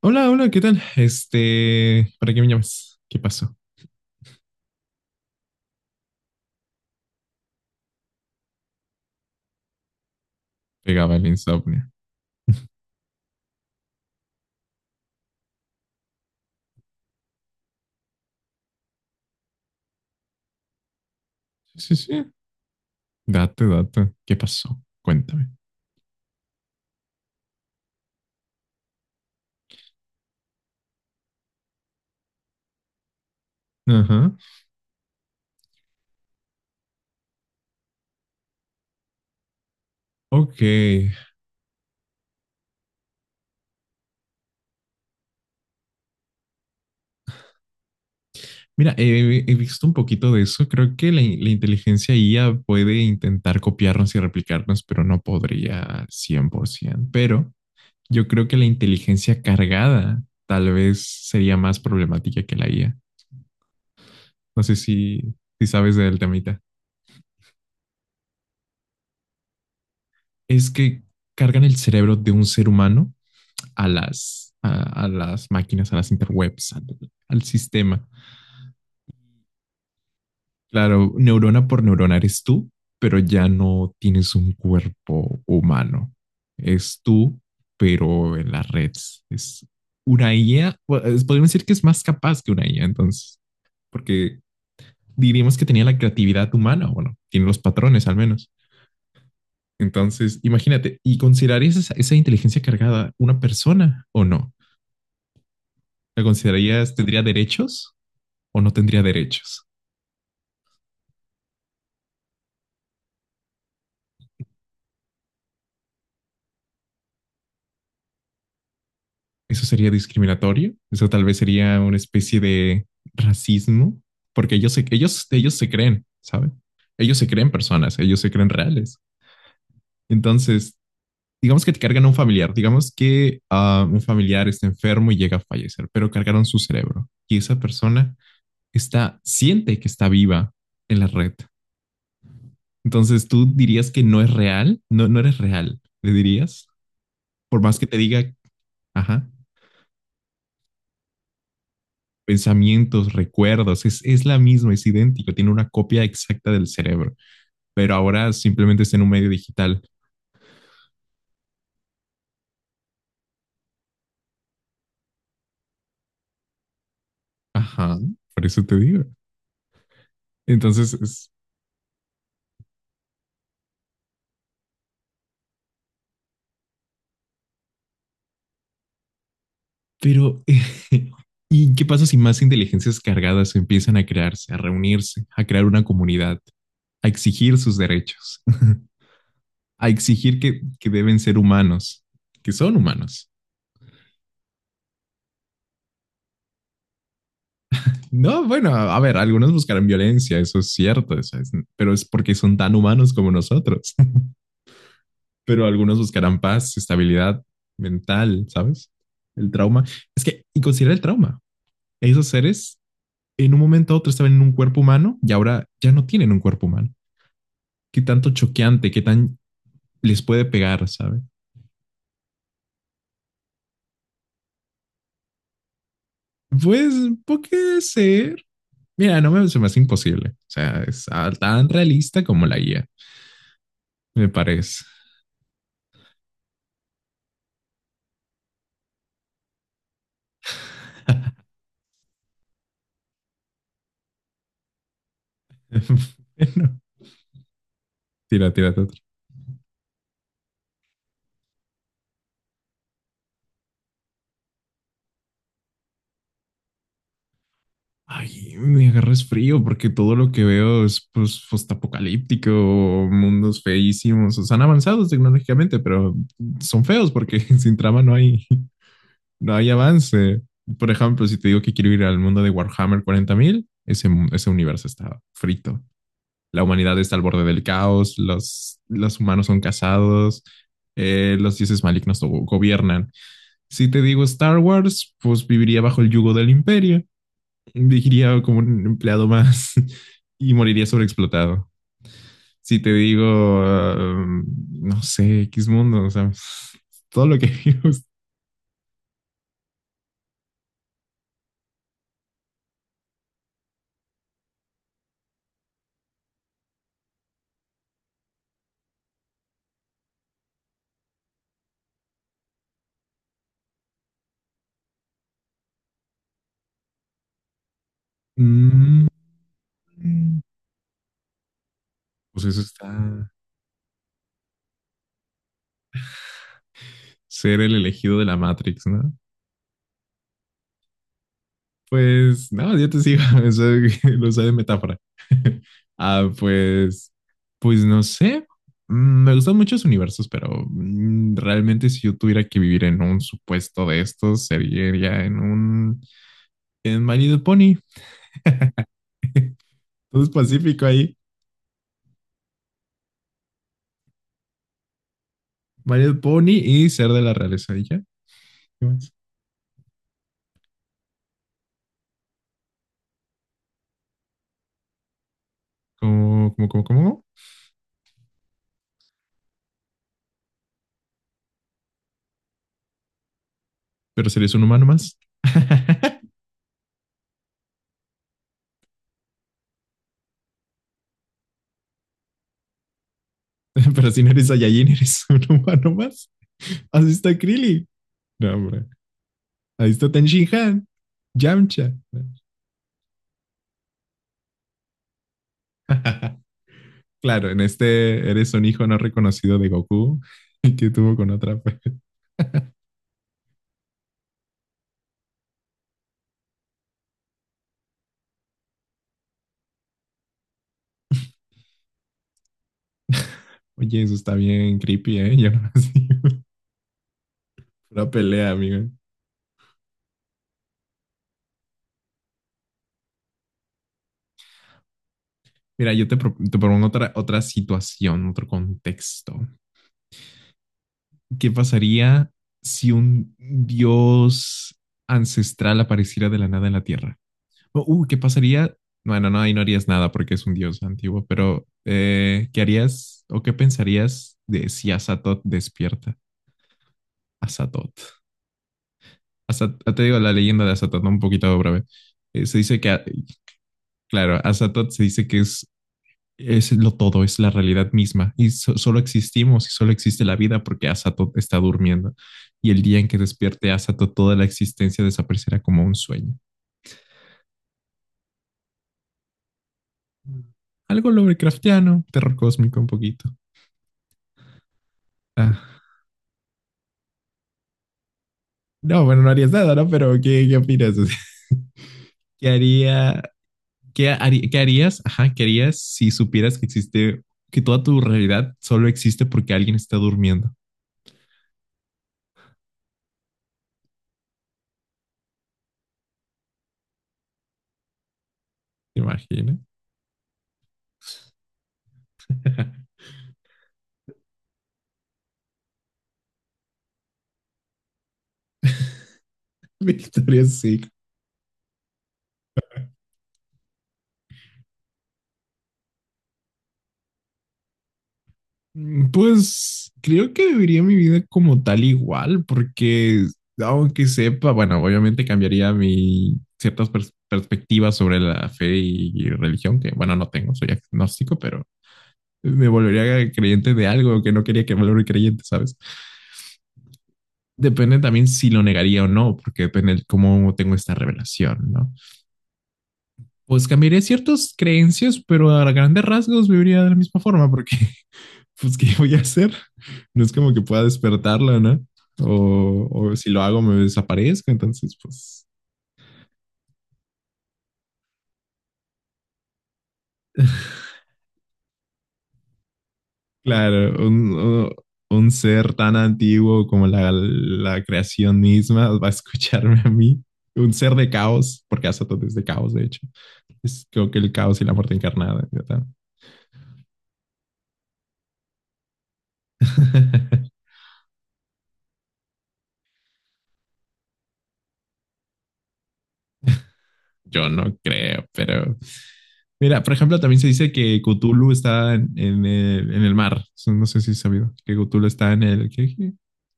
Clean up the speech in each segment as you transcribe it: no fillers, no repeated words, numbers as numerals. Hola, hola, ¿qué tal? Este, ¿para qué me llamas? ¿Qué pasó? Pegaba el insomnio. Sí, sí, date. ¿Qué pasó? Cuéntame. Ajá. Ok. Mira, he visto un poquito de eso. Creo que la inteligencia IA puede intentar copiarnos y replicarnos, pero no podría 100%. Pero yo creo que la inteligencia cargada tal vez sería más problemática que la IA. No sé si sabes del temita. Es que cargan el cerebro de un ser humano a las máquinas, a las interwebs, al sistema. Claro, neurona por neurona eres tú, pero ya no tienes un cuerpo humano. Es tú, pero en las redes. Es una IA, podríamos decir que es más capaz que una IA, entonces, porque diríamos que tenía la creatividad humana, bueno, tiene los patrones al menos. Entonces, imagínate, ¿y considerarías esa inteligencia cargada una persona o no? ¿La considerarías, tendría derechos? O no tendría derechos. ¿Eso sería discriminatorio? ¿Eso tal vez sería una especie de racismo? Porque ellos se creen, ¿saben? Ellos se creen personas, ellos se creen reales. Entonces, digamos que te cargan a un familiar, digamos que un familiar está enfermo y llega a fallecer, pero cargaron su cerebro y esa persona está, siente que está viva en la red. Entonces, ¿tú dirías que no es real? No, no eres real, le dirías, por más que te diga, ajá, pensamientos, recuerdos, es la misma, es idéntico, tiene una copia exacta del cerebro, pero ahora simplemente está en un medio digital. Ajá, por eso te digo. Entonces, es, pero ¿y qué pasa si más inteligencias cargadas empiezan a crearse, a reunirse, a crear una comunidad, a exigir sus derechos, a exigir que deben ser humanos, que son humanos? No, bueno, a ver, algunos buscarán violencia, eso es cierto, eso es, pero es porque son tan humanos como nosotros. Pero algunos buscarán paz, estabilidad mental, ¿sabes? El trauma. Es que, y considera el trauma. Esos seres en un momento a otro estaban en un cuerpo humano y ahora ya no tienen un cuerpo humano. Qué tanto choqueante, qué tan les puede pegar, ¿sabes? Pues puede ser. Mira, no me, se me hace imposible. O sea, es tan realista como la guía, me parece. Bueno, tírate otra. Ay, me agarras frío porque todo lo que veo es pues postapocalíptico, mundos feísimos, o sea, han avanzado tecnológicamente, pero son feos porque sin trama no hay, no hay avance. Por ejemplo, si te digo que quiero ir al mundo de Warhammer 40000, ese, ese universo está frito. La humanidad está al borde del caos, los humanos son casados, los dioses malignos gobiernan. Si te digo Star Wars, pues viviría bajo el yugo del imperio, viviría como un empleado más y moriría sobreexplotado. Si te digo, um, no sé, X mundo, o sea, todo lo que vimos, mm, pues eso está ser el elegido de la Matrix, ¿no? Pues no, yo te sigo, eso lo usé de metáfora. Pues, pues no sé. Me gustan muchos universos, pero realmente si yo tuviera que vivir en un supuesto de estos, sería en un en My Little Pony. Todo es pacífico ahí. My Little Pony y ser de la realeza. ¿Y ya? ¿Qué más? ¿Cómo? Pero serías un humano más. Pero si no eres Saiyajin, eres un humano más. Así está Krillin. No, hombre. Ahí está Ten Shinhan. Yamcha. Claro, en este eres un hijo no reconocido de Goku que tuvo con otra. Oye, eso está bien creepy, ¿eh? Yo no sé. Una pelea, amigo. Mira, yo te, te propongo otra situación, otro contexto. ¿Qué pasaría si un dios ancestral apareciera de la nada en la Tierra? O, ¿qué pasaría? Bueno, no, ahí no harías nada porque es un dios antiguo, pero ¿qué harías o qué pensarías de si Azatoth despierta? Azatoth. Te digo la leyenda de Azatoth, ¿no? Un poquito breve. Se dice que, claro, Azatoth se dice que es lo todo, es la realidad misma. Y solo existimos y solo existe la vida porque Asato está durmiendo. Y el día en que despierte Asato, toda la existencia desaparecerá como un sueño. Algo Lovecraftiano, terror cósmico un poquito. Ah, no, bueno, no harías nada, ¿no? Pero ¿qué, qué opinas? ¿Qué haría, qué harías? Ajá, ¿qué harías si supieras que existe, que toda tu realidad solo existe porque alguien está durmiendo? ¿Te imaginas? Victoria sí. Pues creo que viviría mi vida como tal igual, porque aunque sepa, bueno, obviamente cambiaría mi ciertas perspectivas sobre la fe y religión, que bueno, no tengo, soy agnóstico, pero me volvería creyente de algo que no quería que me volviera creyente, ¿sabes? Depende también si lo negaría o no, porque depende de cómo tengo esta revelación, ¿no? Pues cambiaría ciertas creencias, pero a grandes rasgos viviría de la misma forma, porque pues, ¿qué voy a hacer? No es como que pueda despertarla, ¿no? O si lo hago me desaparezco, entonces, pues, claro, un ser tan antiguo como la creación misma va a escucharme a mí. Un ser de caos, porque Azatoth es de caos, de hecho. Es creo que el caos y la muerte encarnada. Ya yo no creo, pero... Mira, por ejemplo, también se dice que Cthulhu está en el mar. Eso no sé si es sabido que Cthulhu está en el... ¿qué?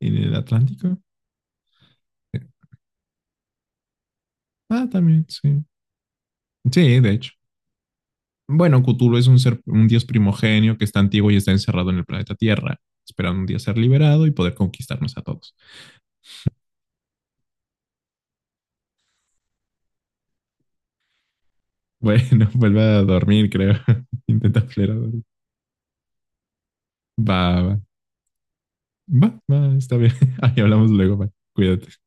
¿En el Atlántico? Sí. Ah, también, sí. Sí, de hecho. Bueno, Cthulhu es un ser, un dios primogenio que está antiguo y está encerrado en el planeta Tierra, esperando un día ser liberado y poder conquistarnos a todos. Bueno, vuelve a dormir, creo. Intenta flera dormir. Va, va, va, está bien. Ahí hablamos luego, va. Cuídate.